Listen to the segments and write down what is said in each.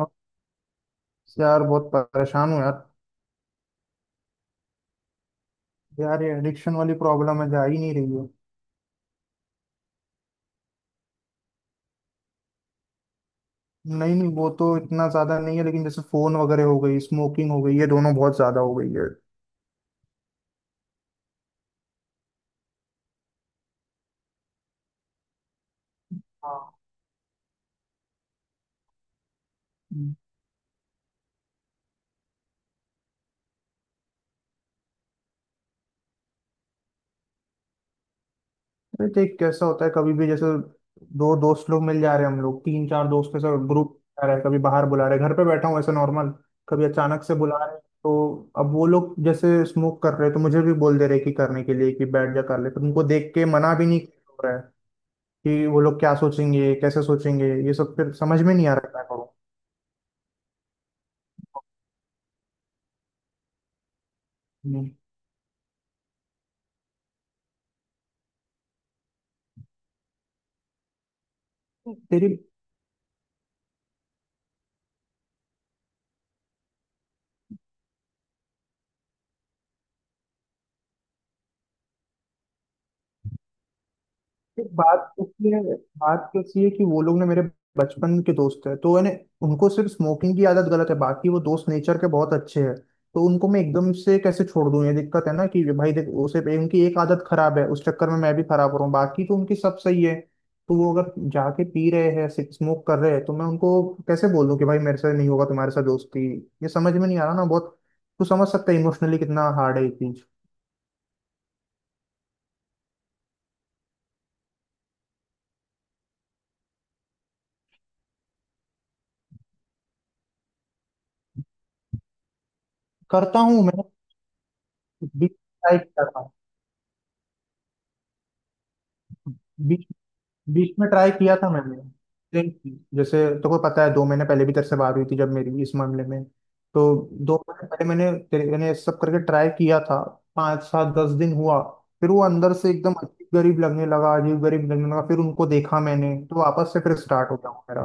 अब यार बहुत परेशान हूँ यार। यार ये एडिक्शन वाली प्रॉब्लम है, जा ही नहीं रही है। नहीं नहीं, वो तो इतना ज्यादा नहीं है, लेकिन जैसे फोन वगैरह हो गई, स्मोकिंग हो गई, ये दोनों बहुत ज्यादा हो गई है। हाँ। हम्म। अरे देख, कैसा होता है कभी भी, जैसे दो दोस्त लोग मिल जा रहे हैं, हम लोग तीन चार दोस्त के साथ ग्रुप जा रहा है, कभी बाहर बुला रहे हैं, घर पे बैठा हूँ ऐसे नॉर्मल, कभी अचानक से बुला रहे हैं, तो अब वो लोग जैसे स्मोक कर रहे हैं तो मुझे भी बोल दे रहे हैं कि करने के लिए, कि बैठ जा, कर ले, पर उनको देख के मना भी नहीं हो रहा है कि वो लोग क्या सोचेंगे, कैसे सोचेंगे, ये सब। फिर समझ में नहीं आ रहा है क्या करूं। हम्म। तेरी फिर बात कैसी है, बात कैसी है कि वो लोग ना मेरे बचपन के दोस्त है, तो मैंने उनको, सिर्फ स्मोकिंग की आदत गलत है, बाकी वो दोस्त नेचर के बहुत अच्छे हैं, तो उनको मैं एकदम से कैसे छोड़ दूं? ये दिक्कत है ना कि भाई देख, उसे उनकी एक आदत खराब है, उस चक्कर में मैं भी खराब हो रहा हूँ, बाकी तो उनकी सब सही है। तो वो अगर जाके पी रहे हैं, स्मोक कर रहे हैं, तो मैं उनको कैसे बोल दूं कि भाई मेरे से नहीं होगा तुम्हारे साथ दोस्ती? ये समझ में नहीं आ रहा ना बहुत। तू समझ सकता है इमोशनली कितना हार्ड है ये चीज। करता हूँ मैं, बीच टाइप करता हूँ, बीच में ट्राई किया था मैंने, लेकिन जैसे तो को पता है, दो महीने पहले भी तेरे से बात हुई थी जब मेरी इस मामले में, तो दो महीने पहले मैंने ये सब करके ट्राई किया था, पाँच सात दस दिन हुआ, फिर वो अंदर से एकदम अजीब गरीब लगने लगा, अजीब गरीब लगने लगा, फिर उनको देखा मैंने तो वापस से फिर स्टार्ट हो गया वो मेरा।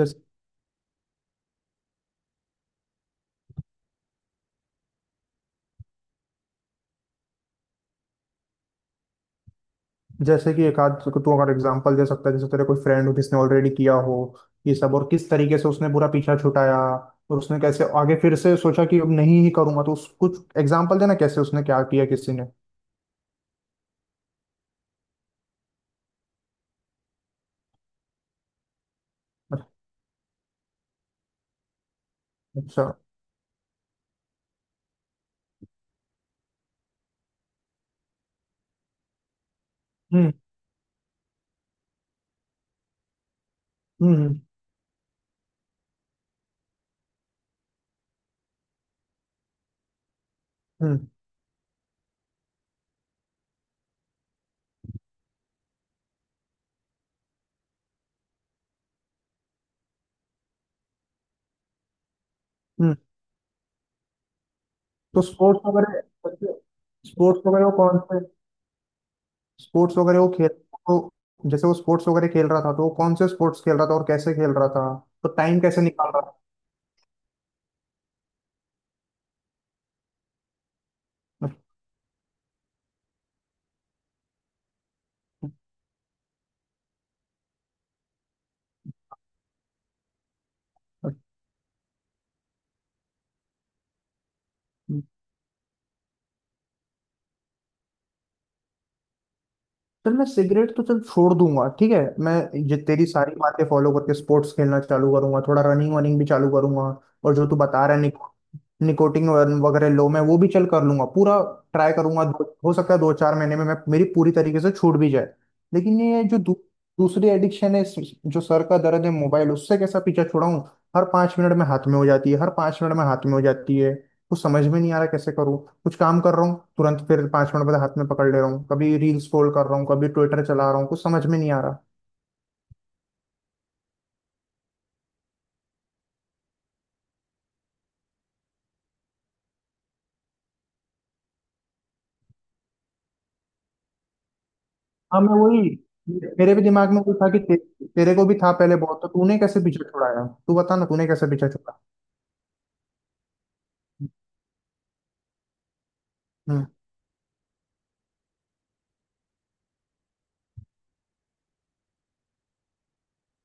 जैसे जैसे कि एक आध तू अगर एग्जांपल दे सकता है, जैसे तेरे कोई फ्रेंड हो जिसने ऑलरेडी किया हो ये सब, और किस तरीके से उसने पूरा पीछा छुटाया और उसने कैसे आगे फिर से सोचा कि अब नहीं ही करूंगा, तो उस, कुछ एग्जांपल देना कैसे उसने क्या किया किसी ने। अच्छा। हम्म। हम्म। हम्म। हम्म। हम्म। तो स्पोर्ट्स वगैरह, स्पोर्ट्स वगैरह वो कौन से स्पोर्ट्स वगैरह वो खेल तो, जैसे वो स्पोर्ट्स वगैरह खेल रहा था, तो वो कौन से स्पोर्ट्स खेल रहा था और कैसे खेल रहा था, तो टाइम कैसे निकाल रहा था। चल मैं सिगरेट तो चल छोड़ दूंगा, ठीक है। मैं ये तेरी सारी बातें फॉलो करके स्पोर्ट्स खेलना चालू करूंगा, थोड़ा रनिंग वनिंग भी चालू करूंगा, और जो तू बता रहा है निकोटिन वगैरह लो, मैं वो भी चल कर लूंगा, पूरा ट्राई करूंगा। हो सकता है दो चार महीने में मैं, मेरी पूरी तरीके से छूट भी जाए। लेकिन ये जो दूसरी एडिक्शन है, जो सर का दर्द है मोबाइल, उससे कैसा पीछा छुड़ाऊं? हर पाँच मिनट में हाथ में हो जाती है, हर पाँच मिनट में हाथ में हो जाती है, कुछ समझ में नहीं आ रहा कैसे करूँ। कुछ काम कर रहा हूँ, तुरंत फिर पांच मिनट बाद हाथ में पकड़ ले रहा हूँ, कभी रील स्क्रॉल कर रहा हूँ, कभी ट्विटर चला रहा हूँ, कुछ समझ में नहीं आ रहा। हाँ मैं वही, मेरे भी दिमाग में वो था कि तेरे को भी था पहले बहुत, तो तूने कैसे पीछे छुड़ाया, तू बता ना, तूने कैसे पीछे छुड़ा। हम्म।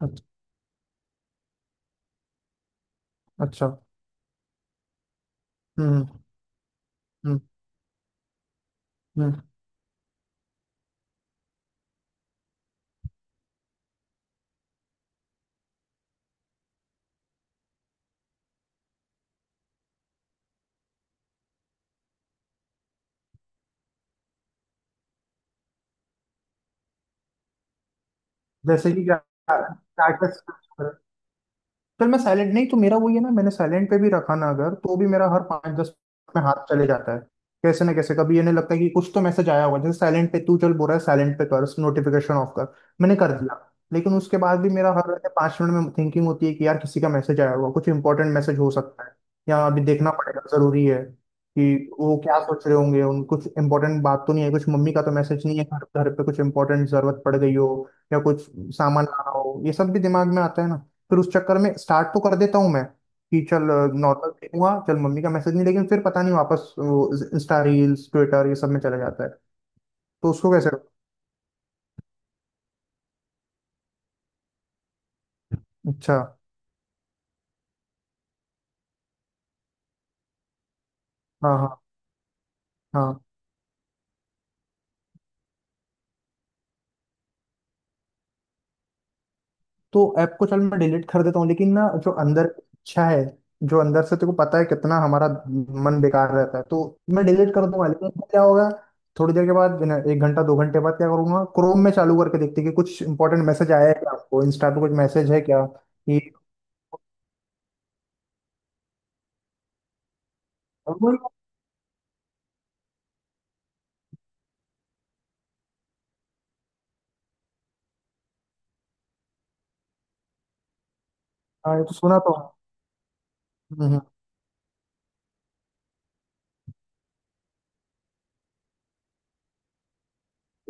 अच्छा। अच्छा। हम्म। हम्म। हम्म। जैसे कि क्या, फिर मैं साइलेंट नहीं तो मेरा वही है ना, मैंने साइलेंट पे भी रखा ना अगर, तो भी मेरा हर पाँच दस मिनट में हाथ चले जाता है, कैसे ना कैसे। कभी ये नहीं लगता है कि कुछ तो मैसेज आया होगा, जैसे साइलेंट पे तू चल बोल रहा है, साइलेंट पे कर नोटिफिकेशन ऑफ कर, मैंने कर दिया, लेकिन उसके बाद भी मेरा हर पाँच मिनट में थिंकिंग होती है कि यार, किसी का मैसेज आया होगा, कुछ इंपॉर्टेंट मैसेज हो सकता है या अभी देखना पड़ेगा, जरूरी है, कि वो क्या सोच रहे होंगे, उन, कुछ इंपॉर्टेंट बात तो नहीं है, कुछ मम्मी का तो मैसेज नहीं है, घर घर पे कुछ इंपॉर्टेंट जरूरत पड़ गई हो या कुछ सामान लाना हो, ये सब भी दिमाग में आता है ना। फिर उस चक्कर में स्टार्ट तो कर देता हूँ मैं, कि चल नॉर्मल देखूंगा, चल मम्मी का मैसेज नहीं, लेकिन फिर पता नहीं वापस इंस्टा रील्स ट्विटर ये सब में चला जाता है। तो उसको कैसे? अच्छा। हाँ हाँ। हाँ। तो ऐप को चल मैं डिलीट कर देता हूँ, लेकिन ना, जो अंदर इच्छा है, जो अंदर से तेको पता है कितना हमारा मन बेकार रहता है, तो मैं डिलीट कर दूंगा, लेकिन फिर क्या होगा? थोड़ी देर के बाद ना, एक घंटा दो घंटे बाद क्या करूंगा? क्रोम में चालू करके देखते कि कुछ इंपॉर्टेंट मैसेज आया है क्या, आपको इंस्टा पे कुछ मैसेज है क्या कि और वही। हाँ। ये तो सुना तो है। हम्म, हम्म।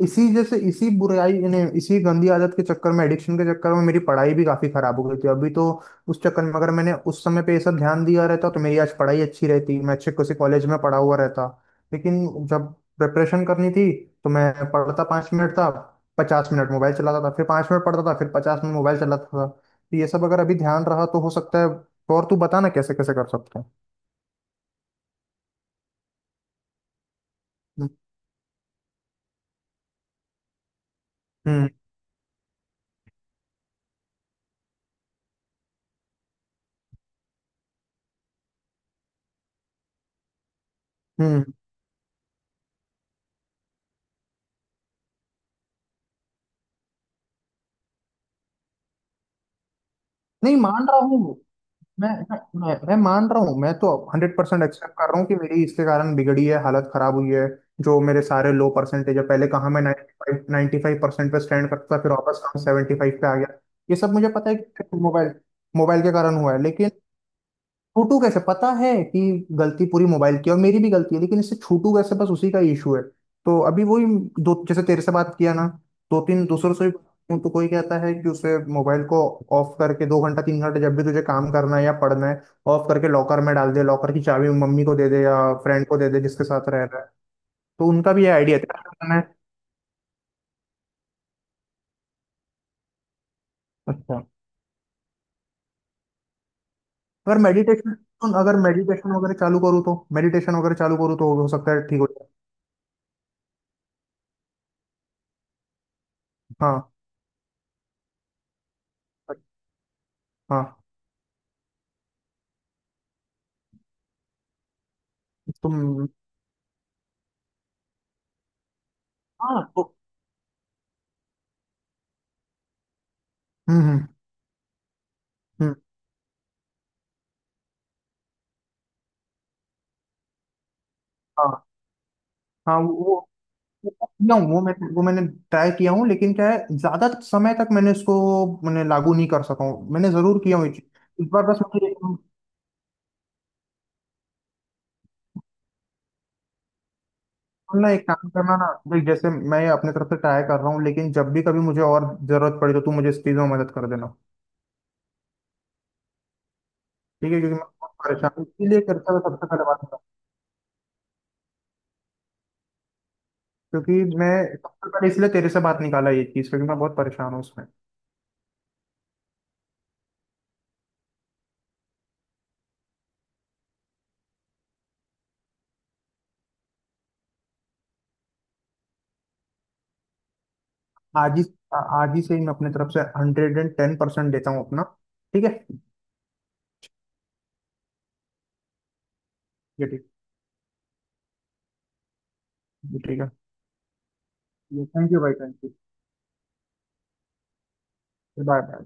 इसी जैसे इसी बुराई इन्हें इसी गंदी आदत के चक्कर में, एडिक्शन के चक्कर में, मेरी पढ़ाई भी काफी खराब हो गई थी अभी तो। उस चक्कर में अगर मैंने उस समय पे ये सब ध्यान दिया रहता, तो मेरी आज पढ़ाई अच्छी रहती, मैं अच्छे किसी कॉलेज में पढ़ा हुआ रहता, लेकिन जब प्रिपरेशन करनी थी, तो मैं पढ़ता पाँच मिनट था, पचास मिनट मोबाइल चलाता था, फिर पाँच मिनट पढ़ता था, फिर पचास मिनट मोबाइल चलाता था, तो ये सब अगर अभी ध्यान रहा तो हो सकता है। और तू बता ना कैसे कैसे कर सकते हैं। हम्म हम्म। नहीं मान रहा हूँ, मैं मान रहा हूँ, मैं तो हंड्रेड परसेंट एक्सेप्ट कर रहा हूँ कि मेरी इसके कारण बिगड़ी है, हालत खराब हुई है, जो मेरे सारे लो परसेंटेज है, पहले कहाँ मैं 95 95% पे स्टैंड करता था, फिर वापस कहाँ 75 पे आ गया। ये सब मुझे पता है कि मोबाइल मोबाइल के कारण हुआ है, लेकिन छूटू कैसे? पता है कि गलती पूरी मोबाइल की है, और मेरी भी गलती है, लेकिन इससे छूटू कैसे, बस उसी का इशू है। तो अभी वही, दो जैसे तेरे से बात किया ना, दो तीन दूसरों से भी बात की हूं, तो कोई कहता है कि उसे मोबाइल को ऑफ करके दो घंटा तीन घंटा जब भी तुझे काम करना है या पढ़ना है, ऑफ करके लॉकर में डाल दे, लॉकर की चाबी मम्मी को दे दे या फ्रेंड को दे दे जिसके साथ रह रहा है, तो उनका भी ये आइडिया था करना है। अच्छा। अगर मेडिटेशन वगैरह चालू करूँ तो, हो सकता है ठीक हो जाए। हाँ। हाँ। तुम। हाँ तो, हम्म, हम्म, हाँ। हाँ वो वो वो किया हूँ, वो मैंने ट्राई किया हूँ, लेकिन क्या है, ज्यादा समय तक मैंने इसको, मैंने लागू नहीं कर सका हूँ, मैंने जरूर किया हूँ ये चीज। इस बार बस मुझे तुम, ना एक काम करना ना, देख जैसे मैं अपने तरफ से ट्राई कर रहा हूँ, लेकिन जब भी कभी मुझे और जरूरत पड़े तो तू मुझे इस चीज में मदद कर देना। ठीक है, क्योंकि मैं बहुत परेशान हूँ। इसीलिए करता हुआ सबसे पहले बात करा, क्योंकि मैं सबसे पहले इसलिए तेरे से बात निकाला ये चीज, क्योंकि मैं बहुत परेशान हूँ उसमें। आज ही आज ही से ही मैं अपने तरफ से हंड्रेड एंड टेन परसेंट देता हूँ अपना। ठीक है। ये ठीक ये ठीक है। थैंक यू भाई, थैंक यू। Bye bye.